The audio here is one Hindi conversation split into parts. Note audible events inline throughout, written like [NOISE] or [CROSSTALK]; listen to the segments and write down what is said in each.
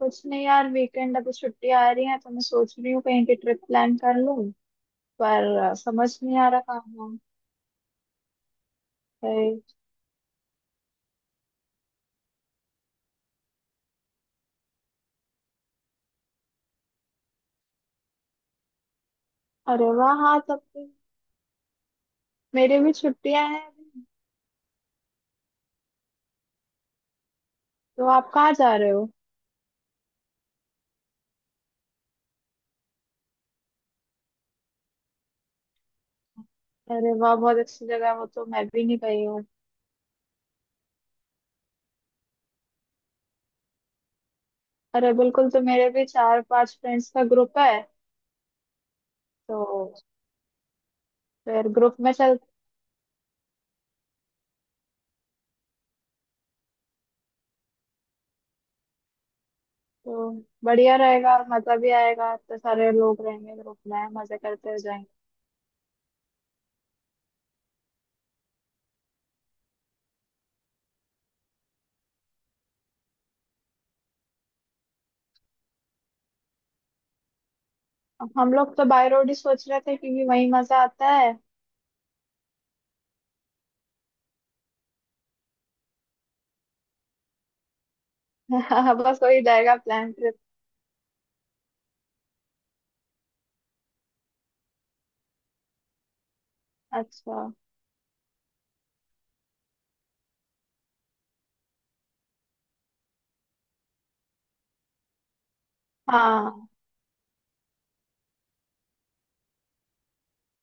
कुछ नहीं यार, वीकेंड अभी छुट्टी आ रही है तो मैं सोच रही हूँ कहीं की ट्रिप प्लान कर लूँ। पर समझ नहीं आ रहा कहाँ। है अरे। अरे वाह, हाँ तब तो मेरे भी छुट्टियां हैं अभी। तो आप कहाँ जा रहे हो? अरे वाह, बहुत अच्छी जगह है, वो तो मैं भी नहीं गई हूँ। अरे बिल्कुल, तो मेरे भी चार पांच फ्रेंड्स का ग्रुप है। तो फिर ग्रुप में चल। तो बढ़िया रहेगा, मजा भी आएगा, इतने सारे लोग रहेंगे ग्रुप में, मजे करते हुए जाएंगे। हम लोग तो बाय रोड ही सोच रहे थे क्योंकि वही मजा आता है। हाँ बस वही रहेगा प्लान ट्रिप। अच्छा। हाँ।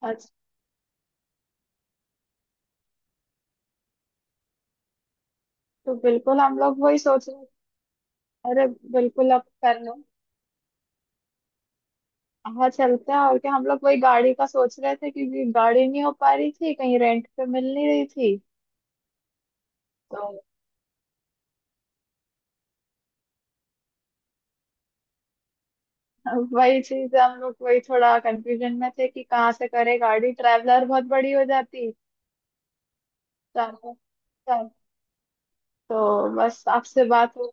अच्छा। तो बिल्कुल हम लोग वही सोच रहे। अरे बिल्कुल, अब कर लो। हाँ चलते हैं, और क्या। हम लोग वही गाड़ी का सोच रहे थे क्योंकि गाड़ी नहीं हो पा रही थी, कहीं रेंट पे मिल नहीं रही थी। तो वही चीज है, हम लोग वही थोड़ा कंफ्यूजन में थे कि कहाँ से करें, गाड़ी ट्रैवलर बहुत बड़ी हो जाती। तो हम लोग- चल। तो बस आपसे बात हो।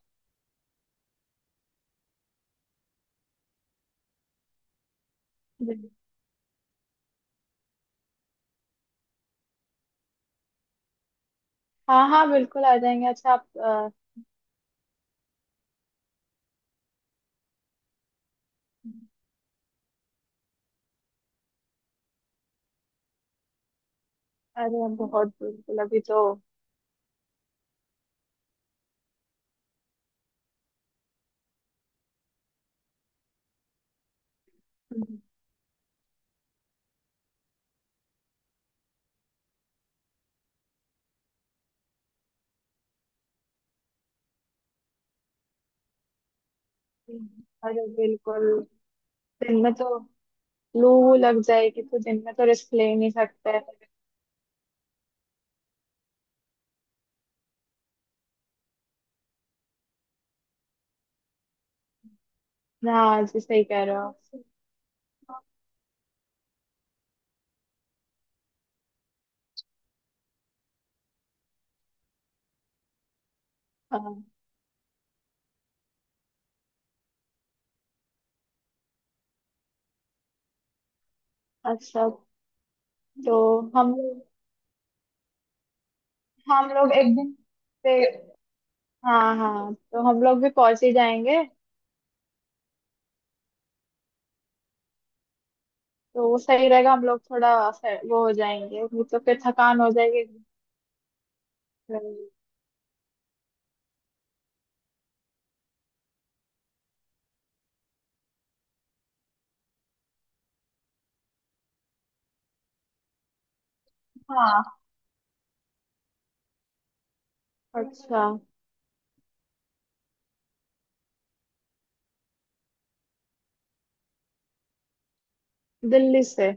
हाँ हाँ बिल्कुल आ जाएंगे। अच्छा, आप अरे बहुत, बिल्कुल। अभी तो अरे बिल्कुल दिन में तो लू वू लग जाएगी, तो दिन में तो रिस्क ले ही नहीं सकते हैं। हाँ जी, सही कह रहे हो। हाँ। अच्छा। तो हम लोग, हम लोग एक दिन से। हाँ हाँ, तो हम लोग भी पहुंच ही जाएंगे। तो वो सही रहेगा, हम लोग थोड़ा से- वो हो जाएंगे, नहीं तो फिर थकान हो जाएगी। हाँ। अच्छा। दिल्ली से?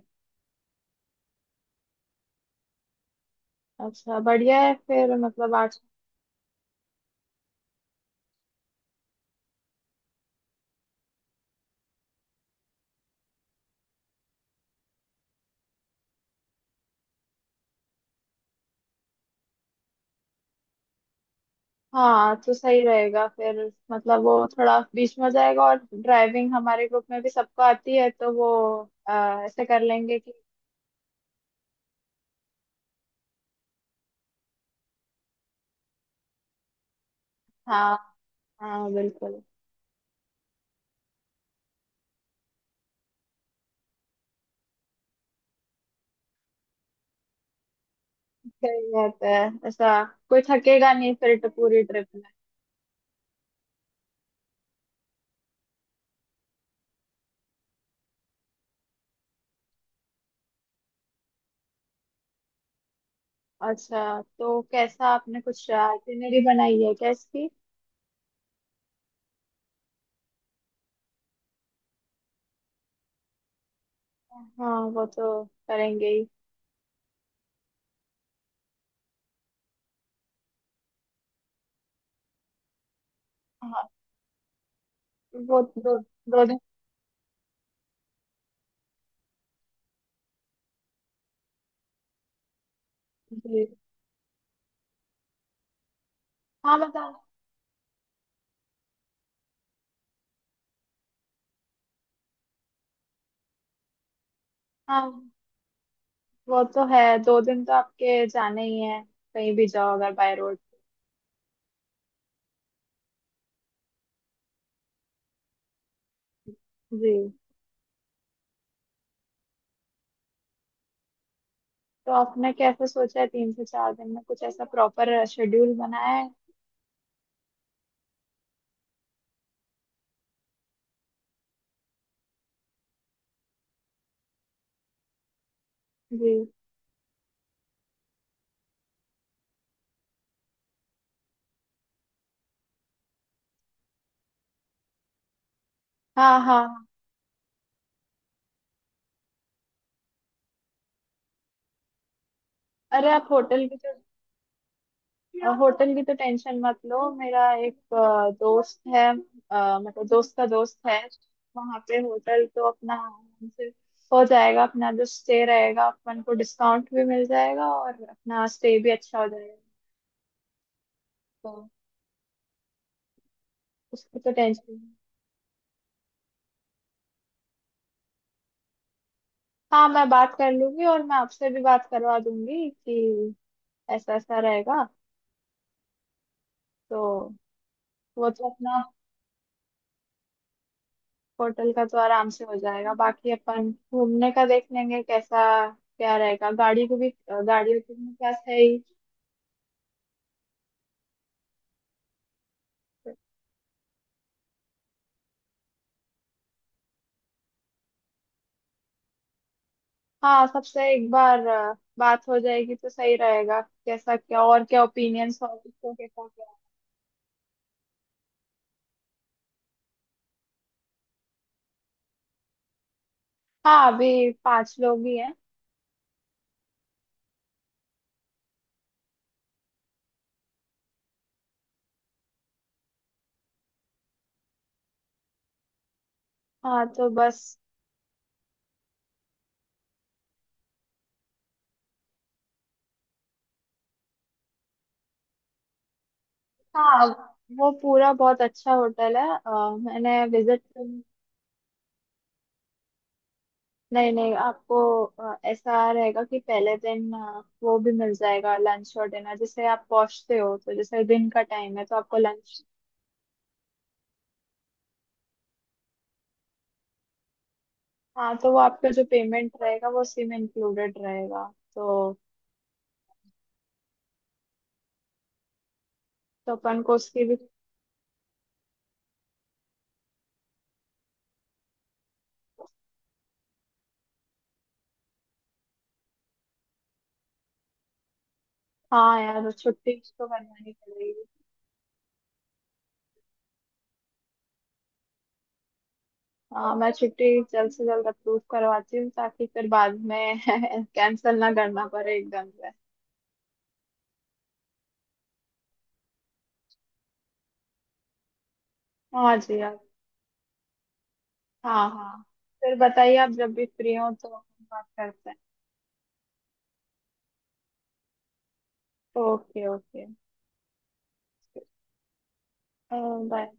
अच्छा, बढ़िया है फिर, मतलब आठ। हाँ तो सही रहेगा फिर, मतलब वो थोड़ा बीच में हो जाएगा, और ड्राइविंग हमारे ग्रुप में भी सबको आती है, तो वो अ, ऐसे कर लेंगे कि हाँ हाँ बिल्कुल। सही बात है। ऐसा कोई थकेगा नहीं फिर तो, पूरी ट्रिप में। अच्छा, तो कैसा, आपने कुछ आइटिनरी बनाई है क्या इसकी? हाँ, वो तो करेंगे ही। हाँ, वो दो, दो दिन। जी। हाँ बताओ। हाँ, वो तो है, दो दिन तो आपके जाने ही है, कहीं भी जाओ अगर बाय रोड। जी। तो आपने कैसे सोचा है, तीन से चार दिन में कुछ ऐसा प्रॉपर शेड्यूल बनाया है? जी। हाँ हाँ हाँ। अरे, आप होटल की, तो होटल की तो टेंशन मत लो। मेरा एक दोस्त है, मतलब दोस्त का दोस्त है। वहाँ पे होटल तो अपना आराम से हो जाएगा, अपना जो स्टे रहेगा, अपन को डिस्काउंट भी मिल जाएगा और अपना स्टे भी अच्छा हो जाएगा। तो उसकी तो टेंशन नहीं। हाँ मैं बात कर लूंगी, और मैं आपसे भी बात करवा दूंगी कि ऐसा ऐसा रहेगा। तो वो तो अपना, होटल का तो आराम से हो जाएगा, बाकी अपन घूमने का देख लेंगे कैसा क्या रहेगा। गाड़ी को भी, गाड़ियों की अपने पास है ही। हाँ, सबसे एक बार बात हो जाएगी तो सही रहेगा, कैसा क्या और क्या ओपिनियंस और किसको कैसा क्या। हाँ, अभी पांच लोग ही हैं। हाँ तो बस। हाँ, वो पूरा बहुत अच्छा होटल है। मैंने विजिट, नहीं नहीं, आपको ऐसा रहेगा कि पहले दिन वो भी मिल जाएगा लंच और डिनर, जैसे आप पहुंचते हो तो जैसे दिन का टाइम है तो आपको लंच। हाँ, तो वो आपका जो पेमेंट रहेगा वो उसी में इंक्लूडेड रहेगा। तो तो अपन को उसकी भी। हाँ यार, छुट्टी तो करवानी पड़ेगी। हाँ, मैं छुट्टी जल्द से जल्द अप्रूव करवाती हूँ ताकि फिर बाद में [LAUGHS] कैंसिल ना करना पड़े एकदम से। हाँ जी यार। हाँ हाँ, फिर बताइए, आप जब भी फ्री हो तो बात करते हैं। Okay okay. Uh, bye.